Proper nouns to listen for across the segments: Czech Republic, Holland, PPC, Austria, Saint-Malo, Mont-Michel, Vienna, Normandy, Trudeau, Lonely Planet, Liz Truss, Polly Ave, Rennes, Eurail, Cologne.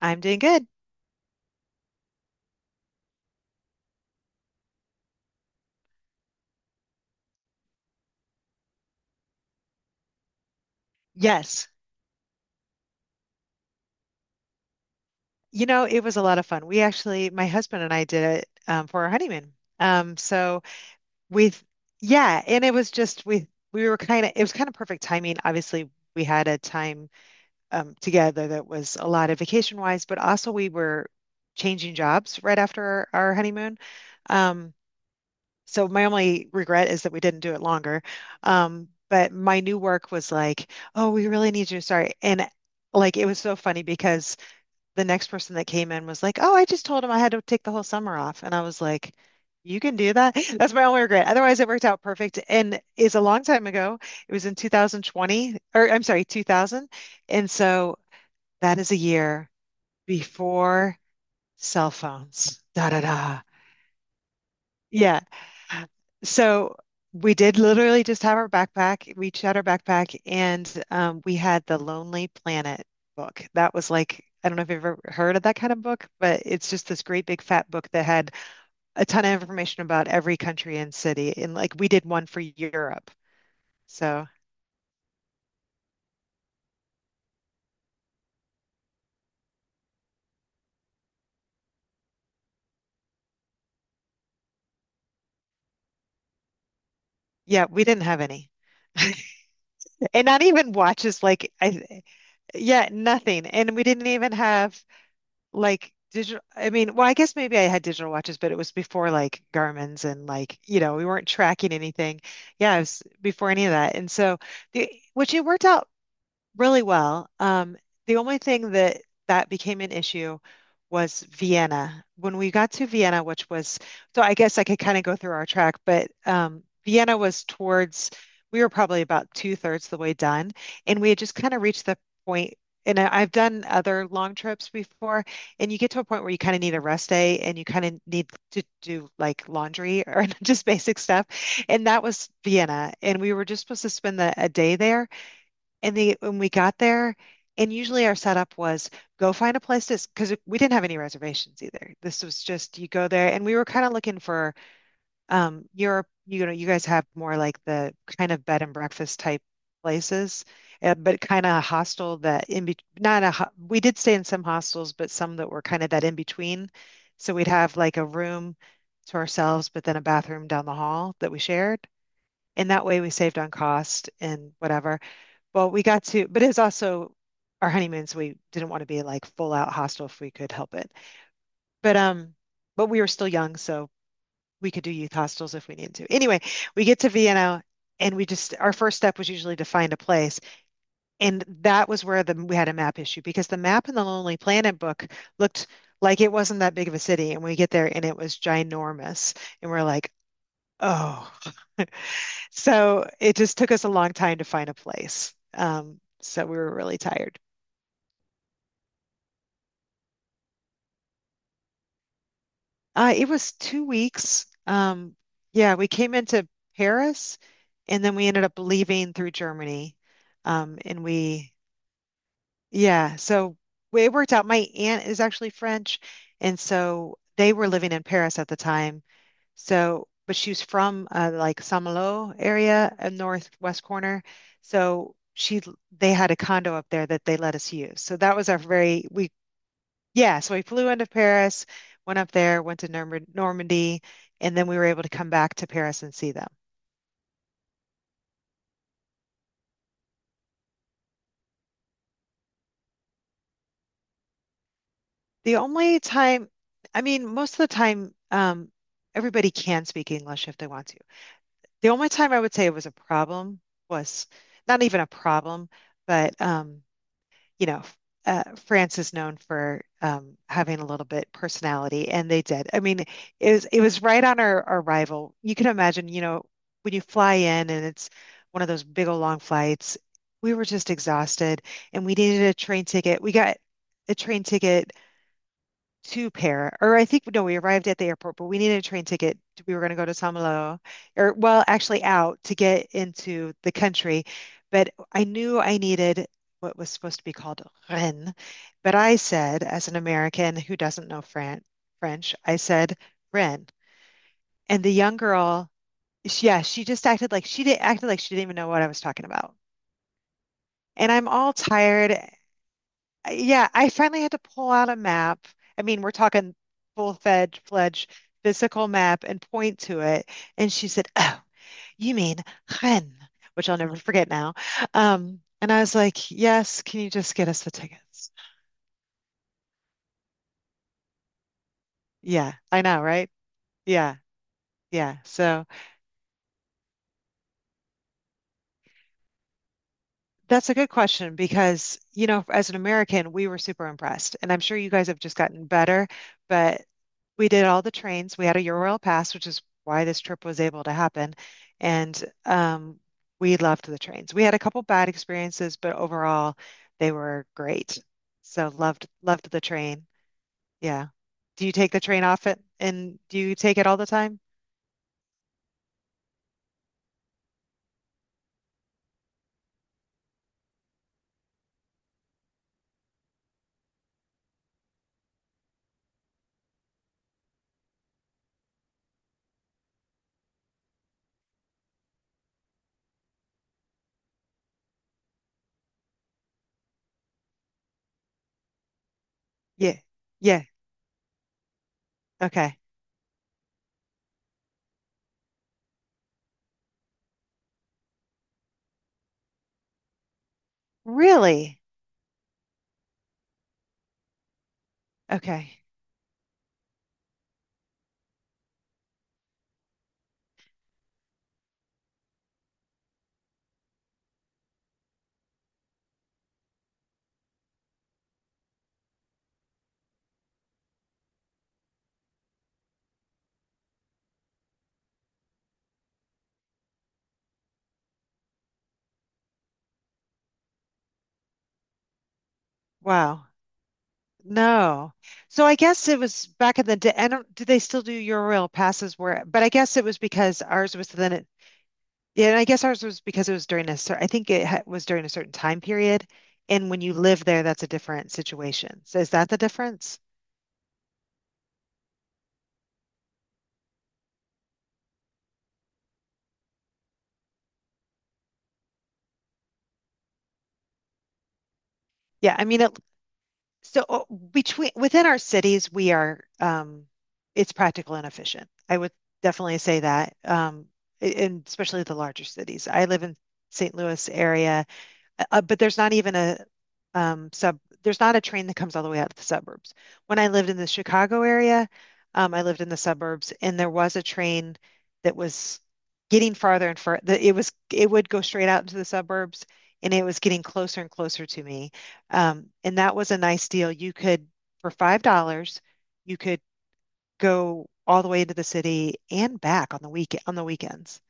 I'm doing good. Yes. You know, it was a lot of fun. We actually, my husband and I did it for our honeymoon. Um, so we, yeah, and it was just we were kind of it was kind of perfect timing. Obviously, we had a time together that was a lot of vacation wise, but also we were changing jobs right after our honeymoon. Um, so my only regret is that we didn't do it longer. But my new work was like, oh, we really need you to start, and like it was so funny because the next person that came in was like, "Oh, I just told him I had to take the whole summer off." And I was like, "You can do that?" That's my only regret. Otherwise, it worked out perfect. And it's a long time ago. It was in 2020, or I'm sorry, 2000. And so that is a year before cell phones. Da da da. Yeah. So we did literally just have our backpack. We each had our backpack, and we had the Lonely Planet book. That was like, I don't know if you've ever heard of that kind of book, but it's just this great big fat book that had a ton of information about every country and city. And like, we did one for Europe. So yeah, we didn't have any. And not even watches, yeah, nothing. And we didn't even have like digital I mean, well, I guess maybe I had digital watches, but it was before like Garmin's and like, you know, we weren't tracking anything. Yeah, it was before any of that. And so the which it worked out really well. The only thing that became an issue was Vienna. When we got to Vienna, which was, so I guess I could kind of go through our track, but Vienna was towards, we were probably about two-thirds the way done, and we had just kind of reached the point. And I've done other long trips before, and you get to a point where you kind of need a rest day and you kind of need to do like laundry or just basic stuff. And that was Vienna. And we were just supposed to spend a day there. And they when we got there, and usually our setup was go find a place to because we didn't have any reservations either. This was just you go there, and we were kind of looking for Europe. You know, you guys have more like the kind of bed and breakfast type places, but kind of hostel that in between. Not a ho we did stay in some hostels, but some that were kind of that in between. So we'd have like a room to ourselves, but then a bathroom down the hall that we shared. And that way we saved on cost and whatever. Well, we got to, but it was also our honeymoon, so we didn't want to be like full out hostel if we could help it. But um, but we were still young, so we could do youth hostels if we needed to. Anyway, we get to Vienna and we just our first step was usually to find a place. And that was where the we had a map issue because the map in the Lonely Planet book looked like it wasn't that big of a city. And we get there and it was ginormous. And we're like, oh. So it just took us a long time to find a place. So we were really tired. It was 2 weeks. Yeah, we came into Paris and then we ended up leaving through Germany. Um, and we, yeah, so it worked out. My aunt is actually French. And so they were living in Paris at the time. So, but she was from like Saint-Malo area, a northwest corner. So she, they had a condo up there that they let us use. So that was our very, we yeah, so we flew into Paris, went up there, went to Normandy, and then we were able to come back to Paris and see them. The only time, I mean, most of the time, everybody can speak English if they want to. The only time I would say it was a problem was not even a problem, but you know, France is known for having a little bit personality, and they did. I mean, it was right on our arrival. You can imagine, you know, when you fly in and it's one of those big old long flights, we were just exhausted, and we needed a train ticket. We got a train ticket two pair, or I think no, we arrived at the airport, but we needed a train ticket. We were going to go to Samalolo, or well, actually out to get into the country. But I knew I needed what was supposed to be called Rennes. But I said, as an American who doesn't know Fran French, I said Rennes. And the young girl, yeah, she just acted like she didn't even know what I was talking about. And I'm all tired yeah, I finally had to pull out a map. I mean, we're talking fledged physical map and point to it. And she said, "Oh, you mean Ren," which I'll never forget now. And I was like, "Yes, can you just get us the tickets?" Yeah, I know, right? Yeah, yeah. So. That's a good question because, you know, as an American, we were super impressed. And I'm sure you guys have just gotten better, but we did all the trains. We had a Eurail pass, which is why this trip was able to happen. And we loved the trains. We had a couple bad experiences, but overall, they were great. So loved the train. Yeah. Do you take the train off it and do you take it all the time? Yeah. Yeah. Okay. Really? Okay. Wow. No. So I guess it was back in the day. I don't, do they still do Eurail passes where, but I guess it was because ours was then Yeah, and I guess ours was because it was during a cer I think it ha was during a certain time period. And when you live there, that's a different situation. So is that the difference? Yeah, I mean, it, so between within our cities, we are it's practical and efficient. I would definitely say that, and especially the larger cities. I live in St. Louis area. But there's not even a there's not a train that comes all the way out to the suburbs. When I lived in the Chicago area, I lived in the suburbs, and there was a train that was getting farther and farther. It would go straight out into the suburbs, and it was getting closer and closer to me. And that was a nice deal. You could for $5, you could go all the way into the city and back on the weekends.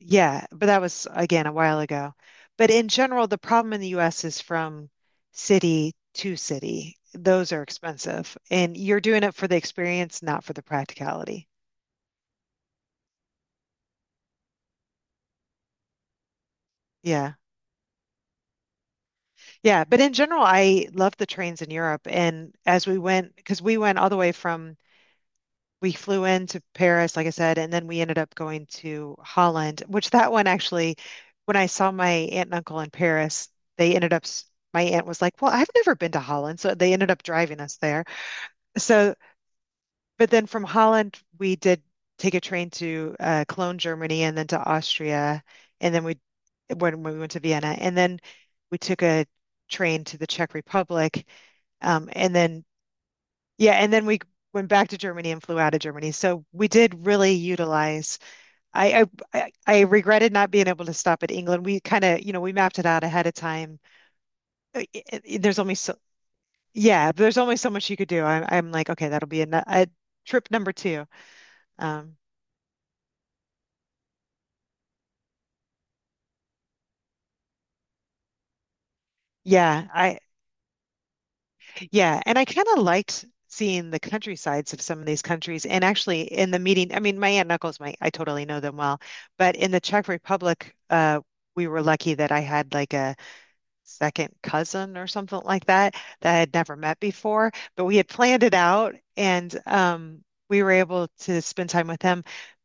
Yeah, but that was again a while ago. But in general, the problem in the US is from city to city. Those are expensive, and you're doing it for the experience, not for the practicality. Yeah. Yeah, but in general, I love the trains in Europe. And as we went, because we went all the way from we flew into Paris, like I said, and then we ended up going to Holland, which that one actually, when I saw my aunt and uncle in Paris, they ended up, s- my aunt was like, well, I've never been to Holland. So they ended up driving us there. So, but then from Holland, we did take a train to Cologne, Germany, and then to Austria. And then we, when we went to Vienna, and then we took a train to the Czech Republic. And then yeah, and then we went back to Germany and flew out of Germany. So we did really utilize. I I regretted not being able to stop at England. We kind of, you know, we mapped it out ahead of time. Uh, i- There's only so yeah, there's only so much you could do. I'm like, okay, that'll be a trip number two. Um, yeah, I yeah, and I kind of liked. Seeing the countrysides of some of these countries, and actually in the meeting, I mean, my aunt and uncles, my I totally know them well, but in the Czech Republic, we were lucky that I had like a second cousin or something like that that I had never met before. But we had planned it out and we were able to spend time with them.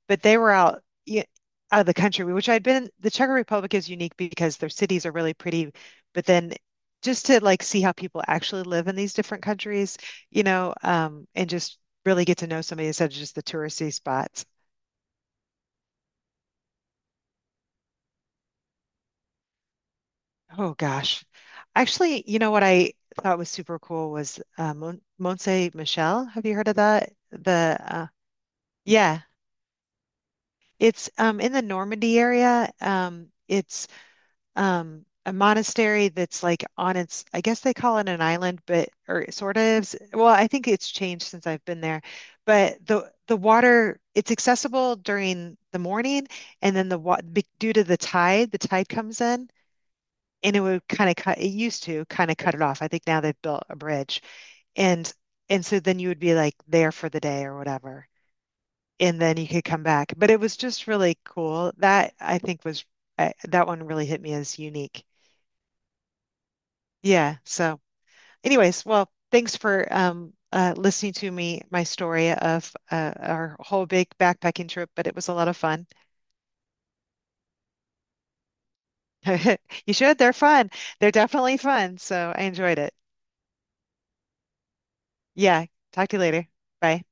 But they were out of the country, which I'd been, the Czech Republic is unique because their cities are really pretty. But then just to like see how people actually live in these different countries, you know, and just really get to know somebody instead of just the touristy spots. Oh gosh. Actually, you know what I thought was super cool was Mont Michel. Have you heard of that? The yeah, it's in the Normandy area. It's a monastery that's like on its I guess they call it an island, but or it sort of. Well, I think it's changed since I've been there. But the water it's accessible during the morning, and then due to the tide comes in and it would kind of cut it used to kind of cut it off. I think now they've built a bridge. And and so then you would be like there for the day or whatever. And then you could come back. But it was just really cool. That I think was that one really hit me as unique. Yeah. So anyways, well, thanks for listening to me my story of our whole big backpacking trip, but it was a lot of fun. You should. They're fun. They're definitely fun. So I enjoyed it. Yeah. Talk to you later. Bye.